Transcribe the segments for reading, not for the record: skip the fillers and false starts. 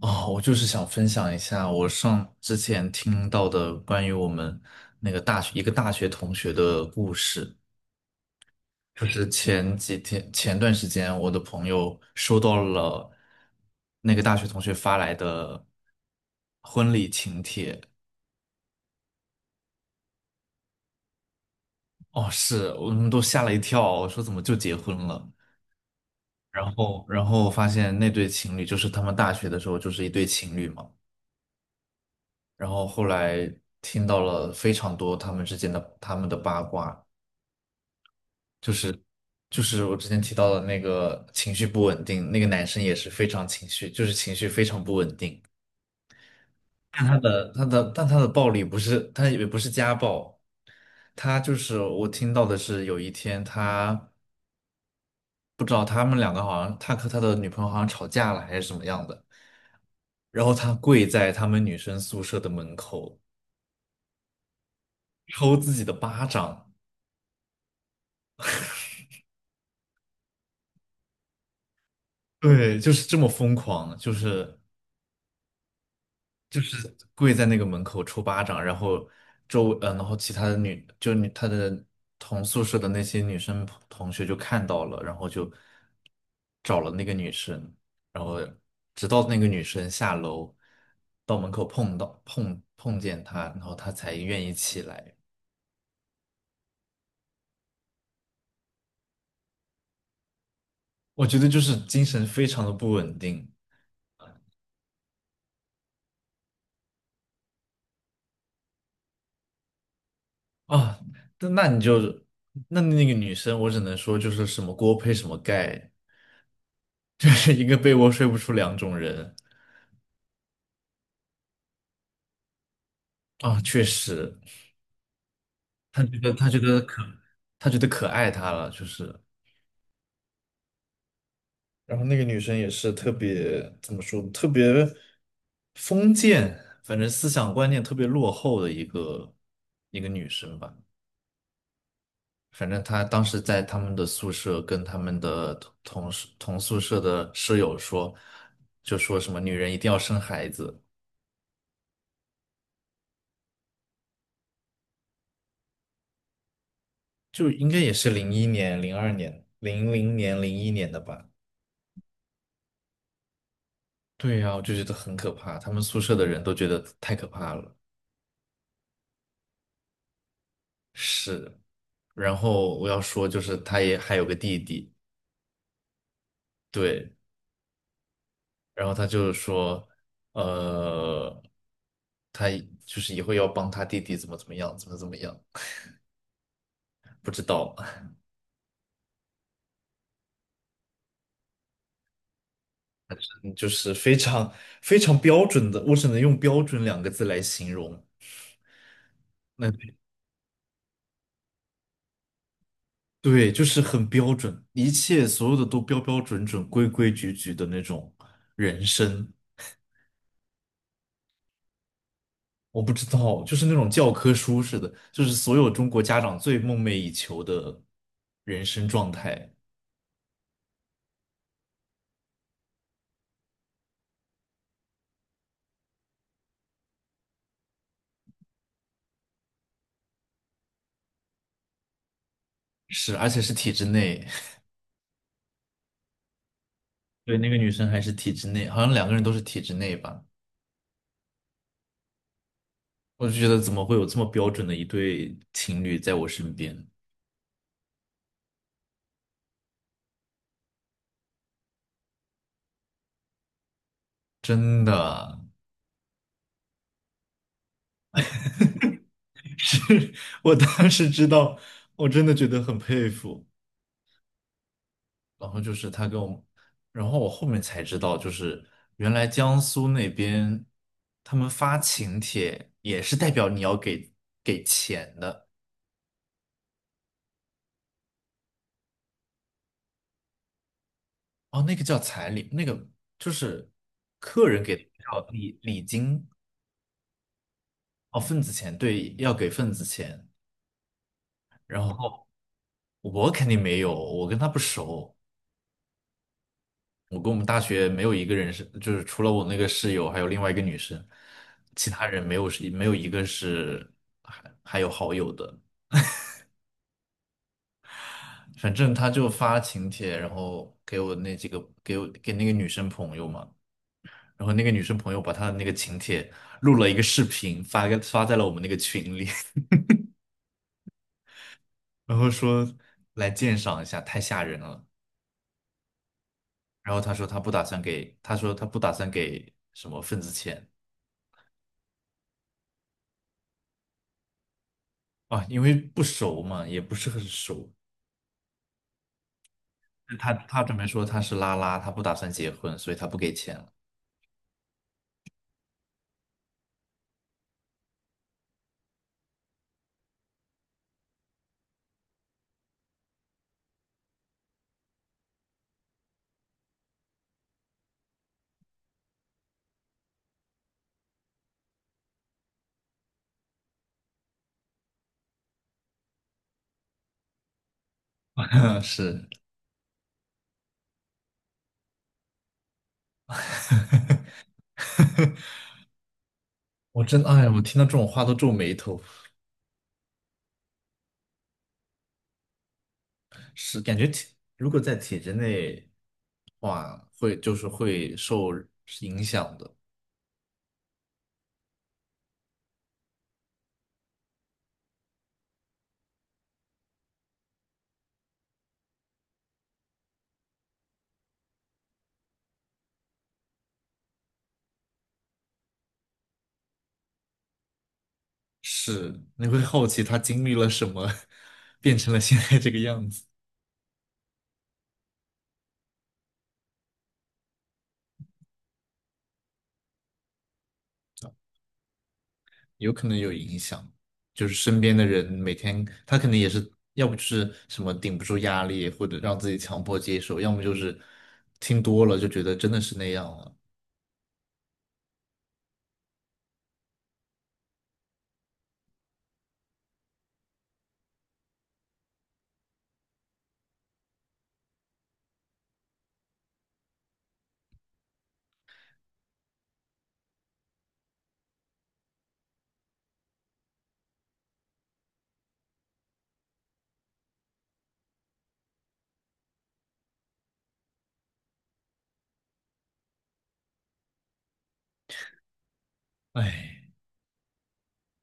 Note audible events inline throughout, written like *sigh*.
哦，我就是想分享一下我之前听到的关于我们那个大学一个大学同学的故事。就是前几天前段时间，我的朋友收到了那个大学同学发来的婚礼请帖。哦，是，我们都吓了一跳，我说怎么就结婚了？然后发现那对情侣就是他们大学的时候就是一对情侣嘛。然后后来听到了非常多他们的八卦。就是就是我之前提到的那个情绪不稳定，那个男生也是非常情绪，就是情绪非常不稳定。但他的暴力不是，他也不是家暴，他就是我听到的是有一天他不知道他们两个好像他和他的女朋友好像吵架了还是怎么样的，然后他跪在他们女生宿舍的门口抽自己的巴掌，对，就是这么疯狂，就是跪在那个门口抽巴掌，然后然后其他的女就女她的同宿舍的那些女生同学就看到了，然后就找了那个女生，然后直到那个女生下楼到门口碰到碰碰见她，然后她才愿意起来。我觉得就是精神非常的不稳定啊。那那你就那那个女生，我只能说就是什么锅配什么盖，*laughs* 就是一个被窝睡不出两种人。啊，确实，他觉得他觉得可，他觉得可爱他了，就是，然后那个女生也是特别怎么说，特别封建，反正思想观念特别落后的一个女生吧。反正她当时在他们的宿舍跟他们的同宿舍的室友说，就说什么女人一定要生孩子，就应该也是零一年、零二年、零零年、零一年的吧。对呀，我就觉得很可怕，他们宿舍的人都觉得太可怕了。是，然后我要说，就是他也还有个弟弟，对，然后他就是说，呃，他就是以后要帮他弟弟怎么怎么样，怎么怎么样，不知道，*laughs* 嗯就是非常非常标准的，我只能用标准两个字来形容。那对，就是很标准，一切所有的都标标准准、规规矩矩的那种人生。我不知道，就是那种教科书似的，就是所有中国家长最梦寐以求的人生状态，是，而且是体制内。*laughs* 对，那个女生还是体制内，好像两个人都是体制内吧。我就觉得怎么会有这么标准的一对情侣在我身边？真的 *laughs* 是，我当时知道，我真的觉得很佩服。然后就是他跟我，然后我后面才知道，就是原来江苏那边他们发请帖也是代表你要给钱的哦，那个叫彩礼，那个就是客人给的叫礼金哦，份子钱，对，要给份子钱。然后我肯定没有，我跟他不熟，我跟我们大学没有一个人是，就是除了我那个室友，还有另外一个女生，其他人没有一个是还有好友的。反正他就发请帖，然后给我那几个给我给那个女生朋友嘛，然后那个女生朋友把她的那个请帖录了一个视频，发在了我们那个群里，*laughs* 然后说来鉴赏一下，太吓人了。然后他说他不打算给，他说他不打算给什么份子钱啊，因为不熟嘛，也不是很熟。他准备说他是拉拉，他不打算结婚，所以他不给钱了。*laughs* 是，*laughs* 哎呀，我听到这种话都皱眉头。是感觉如果在体制内的话，会就是会受影响的。是，你会好奇他经历了什么，*laughs* 变成了现在这个样子，有可能有影响。就是身边的人每天，他可能也是，要不就是什么顶不住压力，或者让自己强迫接受，要么就是听多了就觉得真的是那样了。哎，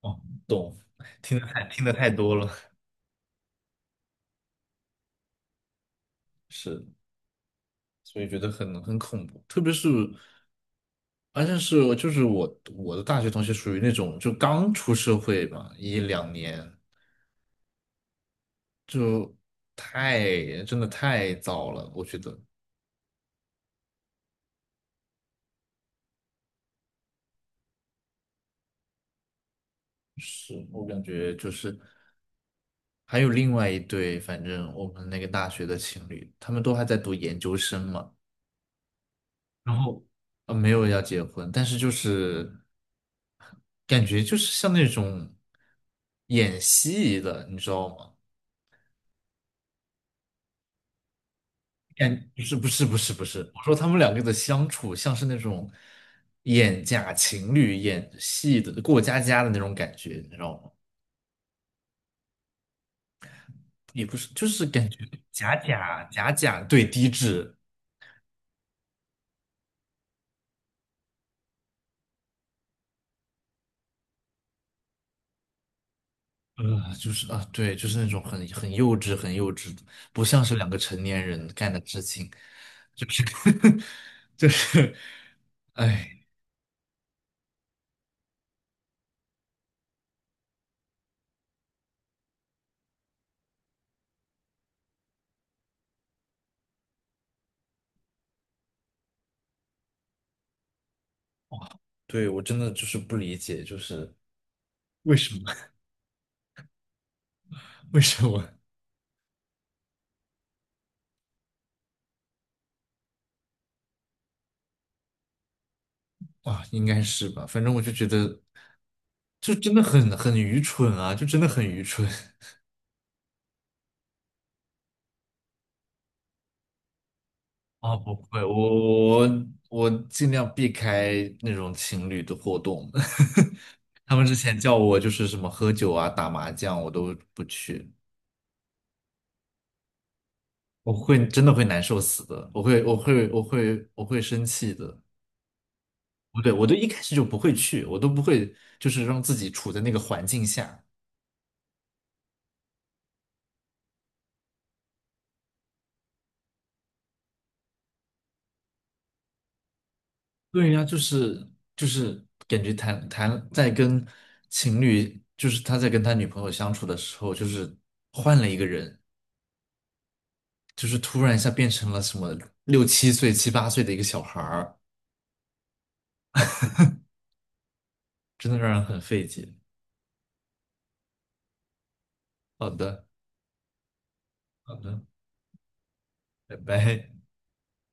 哦，懂，听得太多了，是，所以觉得很恐怖，特别是。而且是我就是我我的大学同学属于那种就刚出社会嘛，一两年就太真的太早了，我觉得是我感觉就是还有另外一对，反正我们那个大学的情侣，他们都还在读研究生嘛，然后没有要结婚，但是就是感觉就是像那种演戏的，你知道吗？不是不是不是不是，我说他们两个的相处像是那种演假情侣、演戏的过家家的那种感觉，你知道吗？也不是，就是感觉假假假假，对，低质，就是啊，对，就是那种很幼稚、很幼稚的，不像是两个成年人干的事情，就是 *laughs* 就是，哎，对，我真的就是不理解，就是为什么 *laughs* 为什么？啊，应该是吧？反正我就觉得，就真的很愚蠢啊，就真的很愚蠢 *laughs* 啊！不会，我尽量避开那种情侣的活动。*laughs* 他们之前叫我就是什么喝酒啊、打麻将，我都不去，我会真的会难受死的，我会生气的。不对，我都一开始就不会去，我都不会就是让自己处在那个环境下。对呀，就是感觉谈谈在跟情侣，就是他在跟他女朋友相处的时候，就是换了一个人，就是突然一下变成了什么六七岁、七八岁的一个小孩儿，真的让人很费解。好的，好的，拜拜。